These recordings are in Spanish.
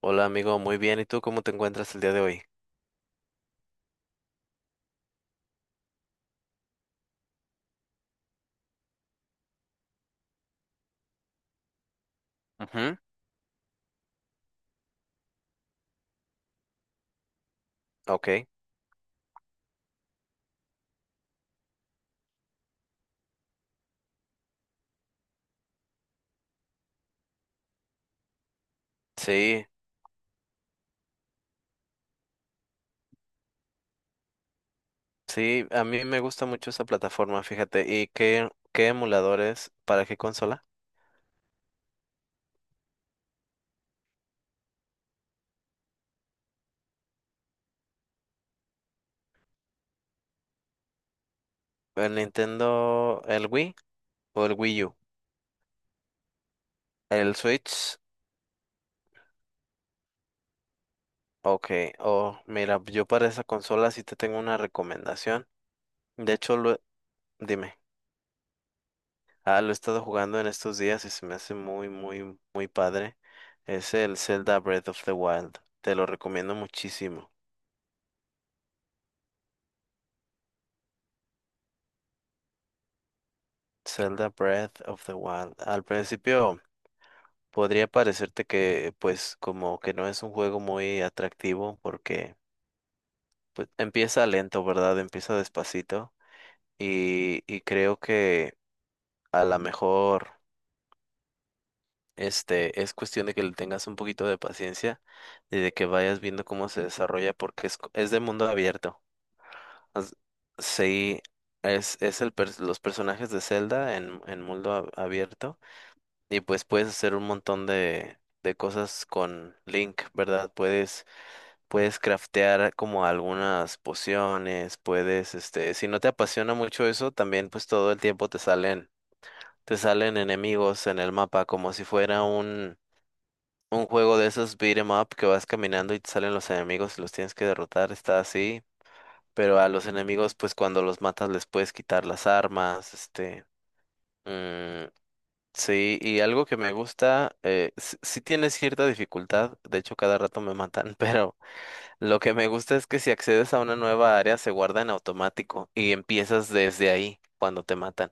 Hola amigo, muy bien. ¿Y tú cómo te encuentras el día de hoy? Ujú. Ok, sí, sí, a mí me gusta mucho esa plataforma, fíjate. ¿Y qué emuladores para qué consola? ¿El Nintendo, el Wii o el Wii U? ¿El Switch? Ok, oh, mira, yo para esa consola sí te tengo una recomendación. De hecho, dime, lo he estado jugando en estos días y se me hace muy, muy, muy padre. Es el Zelda Breath of the Wild. Te lo recomiendo muchísimo. Zelda Breath of the Wild. Al principio podría parecerte que pues como que no es un juego muy atractivo porque pues empieza lento, ¿verdad? Empieza despacito y creo que a lo mejor es cuestión de que le tengas un poquito de paciencia y de que vayas viendo cómo se desarrolla porque es de mundo abierto. As- Sí, es el los personajes de Zelda en mundo abierto. Y pues puedes hacer un montón de cosas con Link, ¿verdad? Puedes craftear como algunas pociones, puedes, si no te apasiona mucho eso, también pues todo el tiempo te salen enemigos en el mapa, como si fuera un juego de esos beat 'em up que vas caminando y te salen los enemigos y los tienes que derrotar, está así. Pero a los enemigos, pues cuando los matas les puedes quitar las armas, este. mm, Sí, y algo que me gusta, sí tiene cierta dificultad, de hecho cada rato me matan, pero lo que me gusta es que si accedes a una nueva área se guarda en automático y empiezas desde ahí cuando te matan.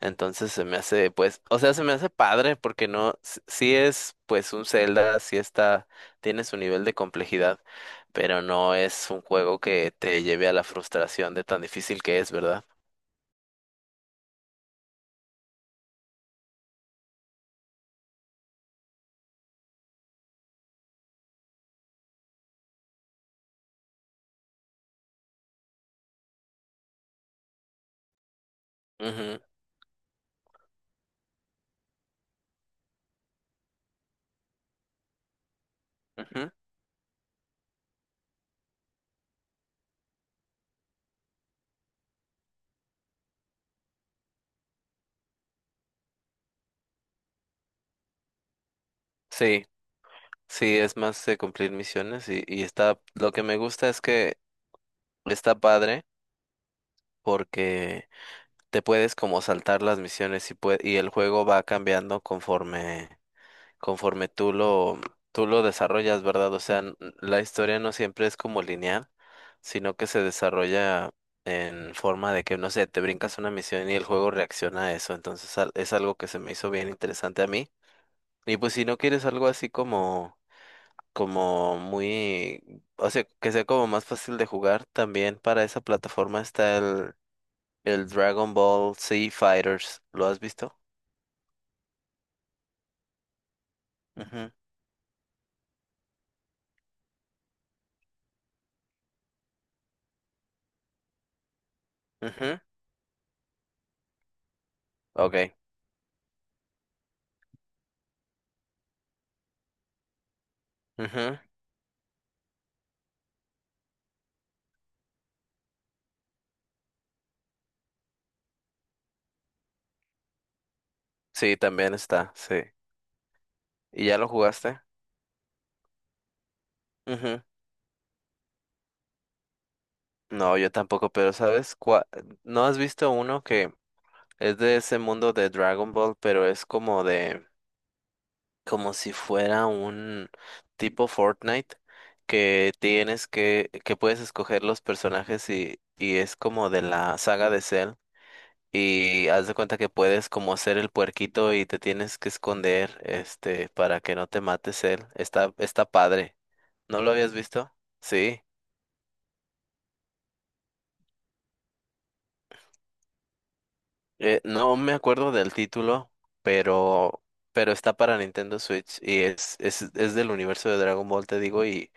Entonces se me hace, pues, o sea, se me hace padre porque no, s- sí es pues un Zelda, sí está, tiene su nivel de complejidad, pero no es un juego que te lleve a la frustración de tan difícil que es, ¿verdad? Ujú, ujú. Sí. Sí, es más de cumplir misiones y está, lo que me gusta es que está padre porque te puedes como saltar las misiones y y el juego va cambiando conforme tú lo desarrollas, ¿verdad? O sea, la historia no siempre es como lineal, sino que se desarrolla en forma de que, no sé, te brincas una misión y el juego reacciona a eso. Entonces es algo que se me hizo bien interesante a mí. Y pues si no quieres algo así como muy, o sea, que sea como más fácil de jugar. También para esa plataforma está el Dragon Ball Z Fighters. ¿Lo has visto? Ujú, ujú. Ok. Ujú. Sí, también está, sí. ¿Y ya lo jugaste? Ujú. No, yo tampoco, pero ¿No has visto uno que es de ese mundo de Dragon Ball, pero es como de... como si fuera un tipo Fortnite que que puedes escoger los personajes y es como de la saga de Cell. Y haz de cuenta que puedes como ser el puerquito y te tienes que esconder, este, para que no te mate Cell. Está, está padre. ¿No lo habías visto? Sí. No me acuerdo del título, pero, pero está para Nintendo Switch y es del universo de Dragon Ball, te digo, y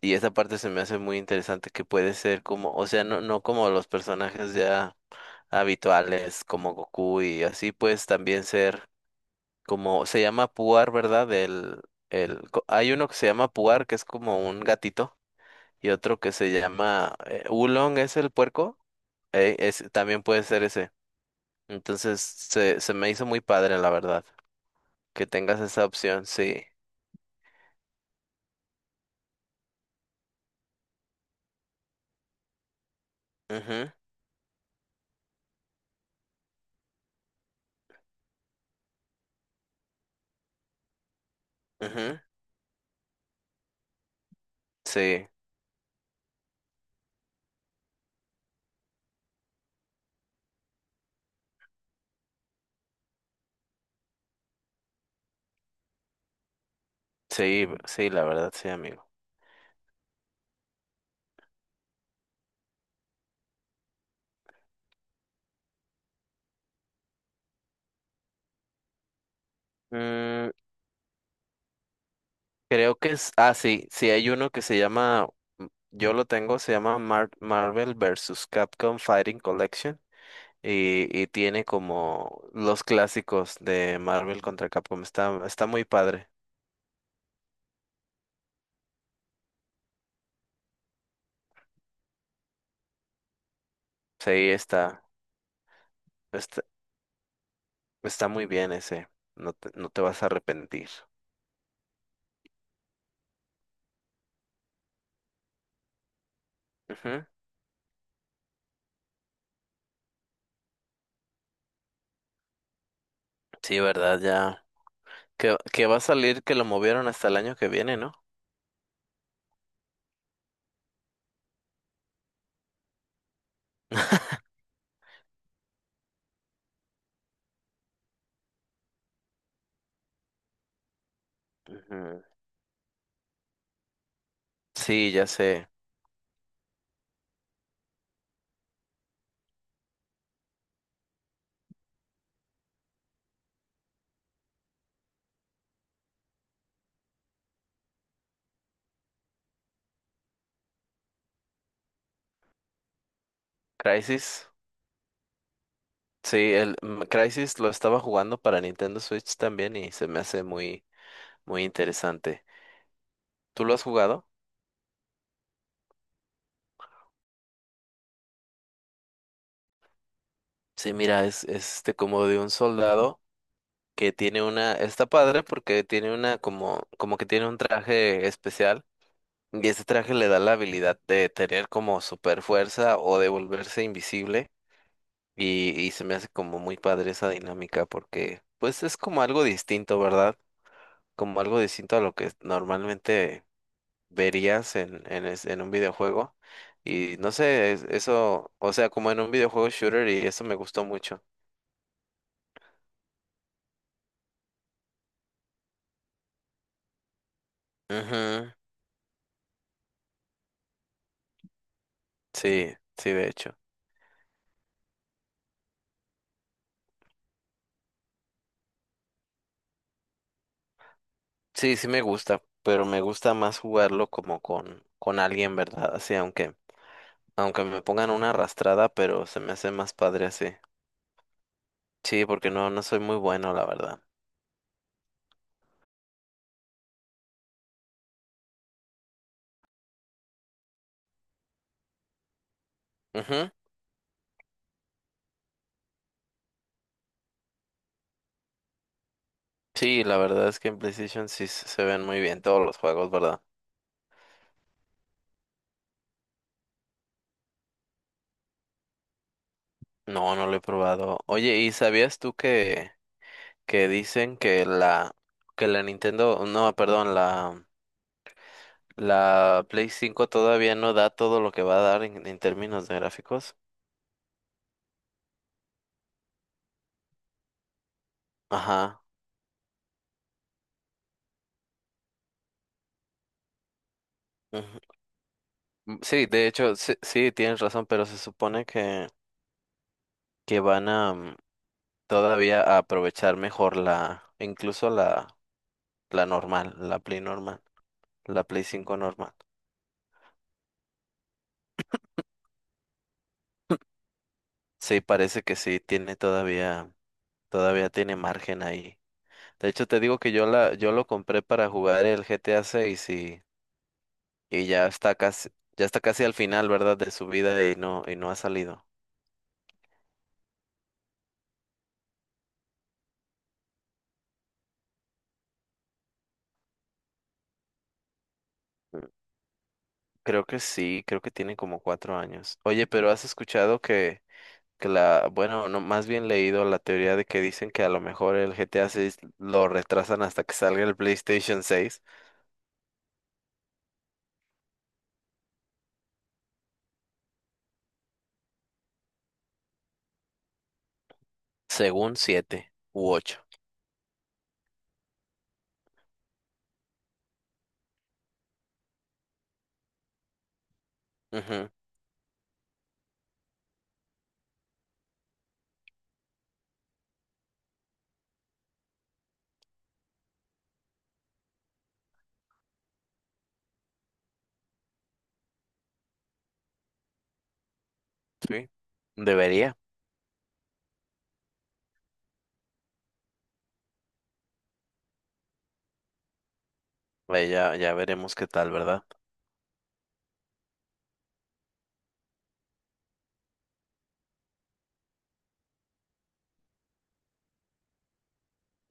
Y esa parte se me hace muy interesante que puede ser como, o sea, no como los personajes ya habituales como Goku y así, pues también ser como, se llama Puar, ¿verdad? Hay uno que se llama Puar, que es como un gatito, y otro que se llama Oolong, es el puerco, también puede ser ese. Entonces se me hizo muy padre, la verdad, que tengas esa opción, sí. Ujú, ujú. Sí, sí, sí, la verdad, sí, amigo. Mm, Creo que sí, sí hay uno que se llama, yo lo tengo, se llama Marvel vs. Capcom Fighting Collection y tiene como los clásicos de Marvel contra Capcom. Está, está muy padre. Sí, está, está muy bien ese. No te vas a arrepentir. Ujú. Sí, verdad, ya. Que va a salir, que lo movieron hasta el año que viene, ¿no? Ujú. Sí, ya sé. Crisis. Sí, el Crysis lo estaba jugando para Nintendo Switch también y se me hace muy, muy interesante. ¿Tú lo has jugado? Sí, mira, es este como de un soldado que está padre porque tiene una como, como que tiene un traje especial y ese traje le da la habilidad de tener como super fuerza o de volverse invisible y se me hace como muy padre esa dinámica porque pues es como algo distinto, ¿verdad? Como algo distinto a lo que normalmente verías en un videojuego. Y no sé, eso, o sea, como en un videojuego shooter y eso me gustó mucho. Ujú. Sí, sí, de hecho. Sí, sí me gusta, pero me gusta más jugarlo como con alguien, ¿verdad? Así, aunque me pongan una arrastrada, pero se me hace más padre así. Sí, porque no soy muy bueno, la verdad. Ujú. Sí, la verdad es que en PlayStation sí se ven muy bien todos los juegos, ¿verdad? No, no lo he probado. Oye, ¿y sabías tú que dicen que la Nintendo, no, perdón, la Play 5 todavía no da todo lo que va a dar en términos de gráficos. Ajá. Ujú. Sí, de hecho, sí, sí, tienes razón, pero se supone que van a todavía a aprovechar mejor la, incluso la normal, la Play 5 normal. Sí, parece que sí tiene todavía tiene margen ahí. De hecho, te digo que yo lo compré para jugar el GTA 6 y ya está casi al final, ¿verdad? De su vida y y no ha salido. Mm, Creo que sí, creo que tiene como 4 años. Oye, pero has escuchado que la, bueno, no, más bien leído la teoría de que dicen que a lo mejor el G T A 6 lo retrasan hasta que salga el PlayStation seis según 7 u 8. Sí. Debería. Vaya, ya veremos qué tal, ¿verdad?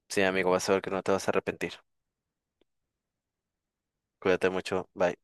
Sí, amigo, vas a ver que no te vas a arrepentir. Cuídate mucho. Bye.